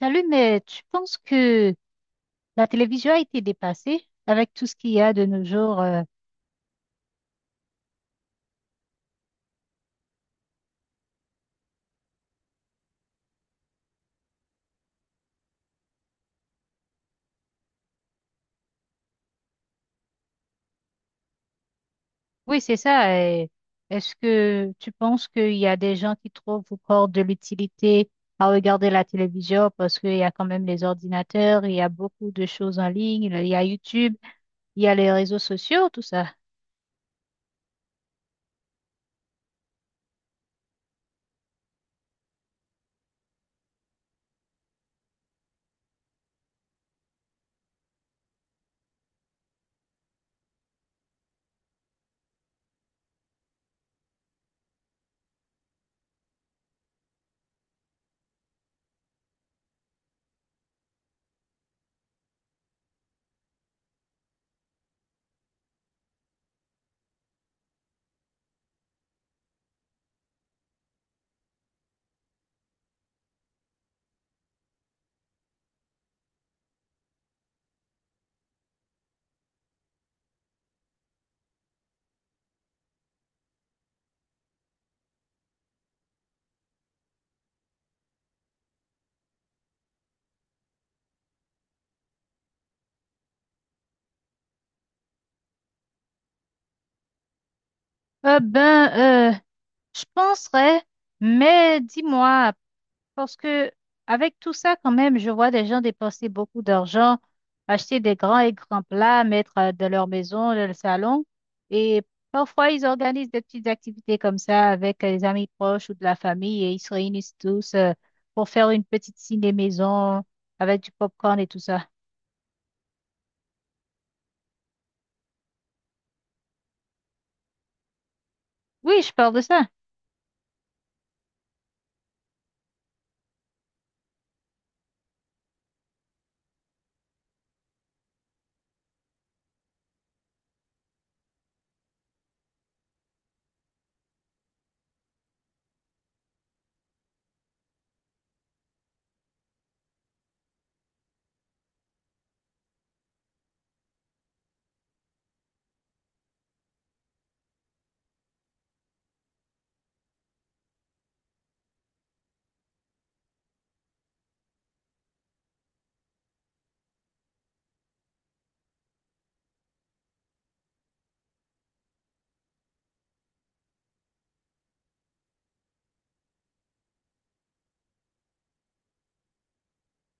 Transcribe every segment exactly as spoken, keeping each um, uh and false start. Salut, mais tu penses que la télévision a été dépassée avec tout ce qu'il y a de nos jours? euh, Oui, c'est ça. Et est-ce que tu penses qu'il y a des gens qui trouvent encore de l'utilité à regarder la télévision parce qu'il y a quand même les ordinateurs, il y a beaucoup de choses en ligne, il y a YouTube, il y a les réseaux sociaux, tout ça? Euh, ben, euh, je penserais, mais dis-moi. Parce que avec tout ça, quand même, je vois des gens dépenser beaucoup d'argent, acheter des grands et grands plats, mettre euh, dans leur maison, dans le salon. Et parfois, ils organisent des petites activités comme ça avec euh, les amis proches ou de la famille et ils se réunissent tous euh, pour faire une petite ciné maison avec du popcorn et tout ça. Oui, je parle de ça.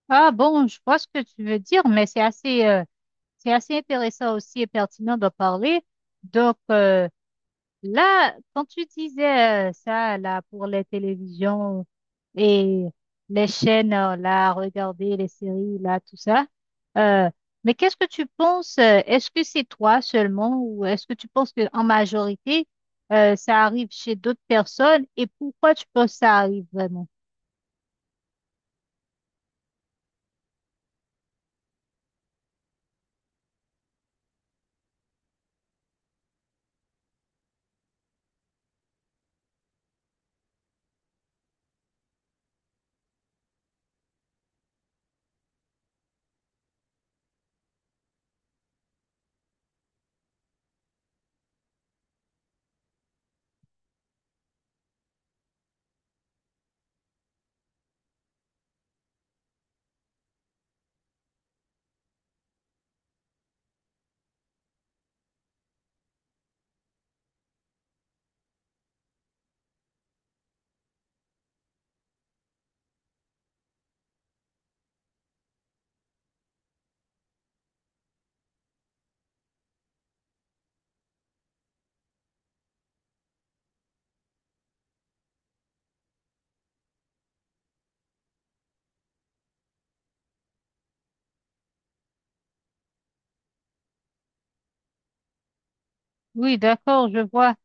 Ah bon, je vois ce que tu veux dire, mais c'est assez, euh, c'est assez intéressant aussi et pertinent d'en parler. Donc, euh, Là, quand tu disais euh, ça, là, pour les télévisions et les chaînes, euh, là, regarder les séries, là, tout ça, euh, mais qu'est-ce que tu penses? euh, Est-ce que c'est toi seulement ou est-ce que tu penses que en majorité, euh, ça arrive chez d'autres personnes et pourquoi tu penses que ça arrive vraiment? Oui, d'accord, je vois.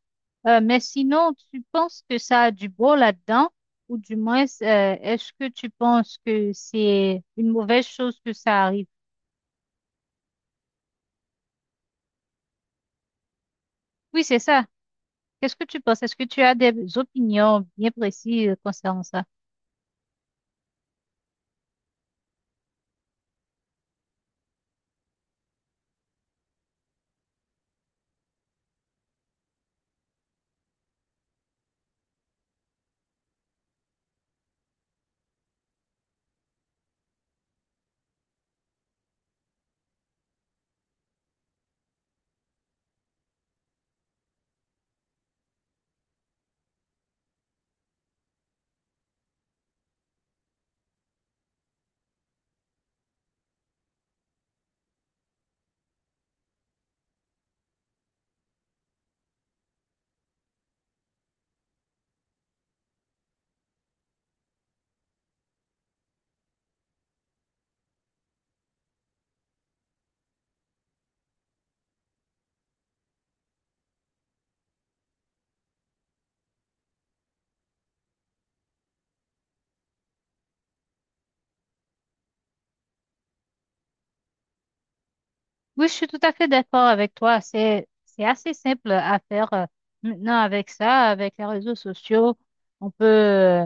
Euh, mais sinon, tu penses que ça a du bon là-dedans ou du moins, euh, est-ce que tu penses que c'est une mauvaise chose que ça arrive? Oui, c'est ça. Qu'est-ce que tu penses? Est-ce que tu as des opinions bien précises concernant ça? Oui, je suis tout à fait d'accord avec toi. C'est, c'est assez simple à faire euh, maintenant avec ça, avec les réseaux sociaux. On peut,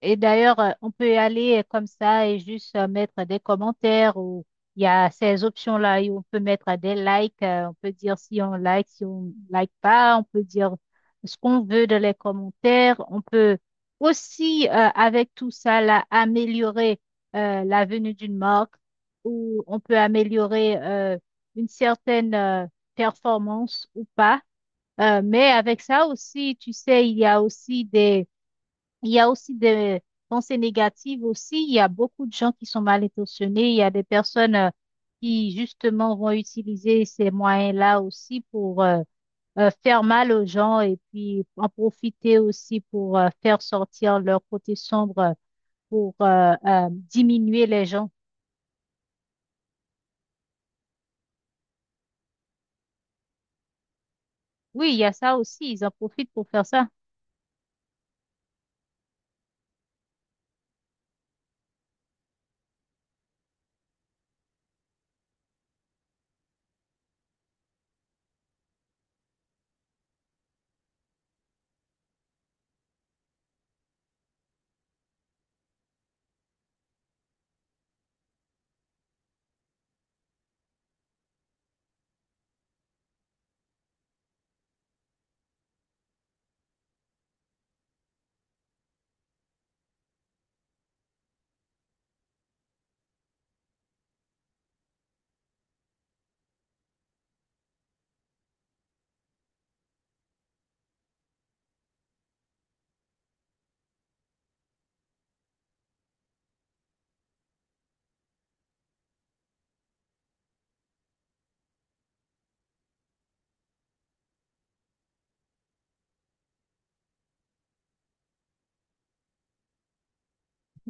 et d'ailleurs, euh, on peut y aller comme ça et juste euh, mettre des commentaires ou il y a ces options-là et on peut mettre des likes. euh, On peut dire si on like, si on like pas. On peut dire ce qu'on veut dans les commentaires. On peut aussi, euh, avec tout ça, là, améliorer euh, la venue d'une marque ou on peut améliorer euh, une certaine euh, performance ou pas. Euh, mais avec ça aussi, tu sais, il y a aussi des il y a aussi des pensées négatives aussi. Il y a beaucoup de gens qui sont mal intentionnés. Il y a des personnes euh, qui justement vont utiliser ces moyens-là aussi pour euh, euh, faire mal aux gens et puis en profiter aussi pour euh, faire sortir leur côté sombre euh, pour euh, euh, diminuer les gens. Oui, il y a ça aussi. Ils en profitent pour faire ça.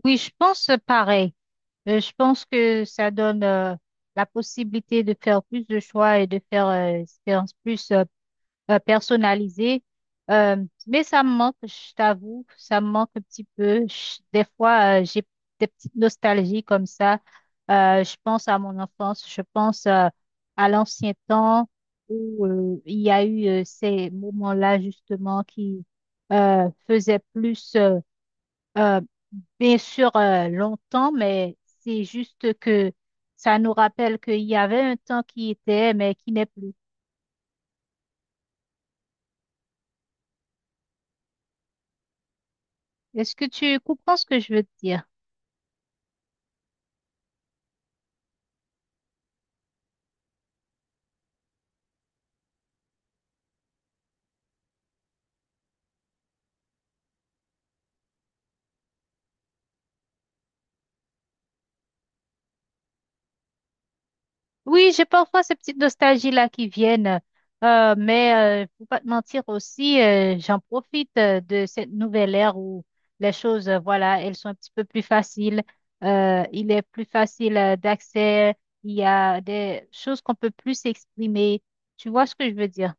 Oui, je pense pareil. Euh, je pense que ça donne euh, la possibilité de faire plus de choix et de faire euh, expérience plus. euh, euh, personnalisé. Euh, mais ça me manque, je t'avoue, ça me manque un petit peu. Je- des fois, euh, j'ai des petites nostalgies comme ça. Euh, je pense à mon enfance, je pense euh, à l'ancien temps où euh, il y a eu euh, ces moments-là justement qui euh, faisaient plus, euh, euh, bien sûr, euh, longtemps, mais c'est juste que ça nous rappelle qu'il y avait un temps qui était, mais qui n'est plus. Est-ce que tu comprends ce que je veux te dire? Oui, j'ai parfois ces petites nostalgies-là qui viennent, euh, mais euh, faut pas te mentir aussi, euh, j'en profite euh, de cette nouvelle ère où les choses, euh, voilà, elles sont un petit peu plus faciles. Euh, il est plus facile euh, d'accès, il y a des choses qu'on peut plus exprimer. Tu vois ce que je veux dire?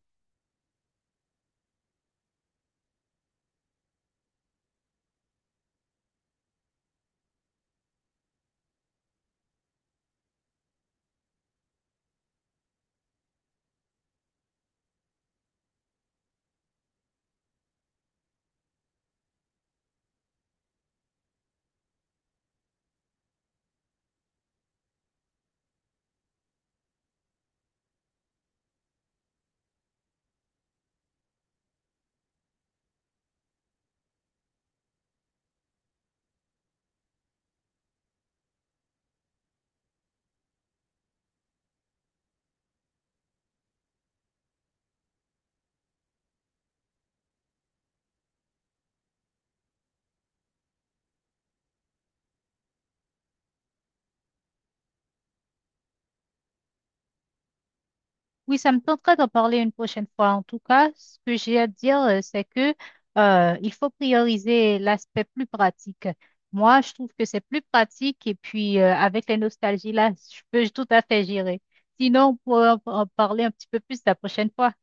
Oui, ça me tenterait d'en parler une prochaine fois. En tout cas, ce que j'ai à dire, euh, c'est que euh, il faut prioriser l'aspect plus pratique. Moi, je trouve que c'est plus pratique et puis euh, avec les nostalgies là, je peux tout à fait gérer. Sinon, on pourra en en parler un petit peu plus la prochaine fois.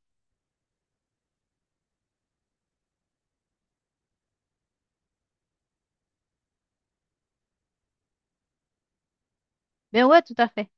Mais ouais, tout à fait.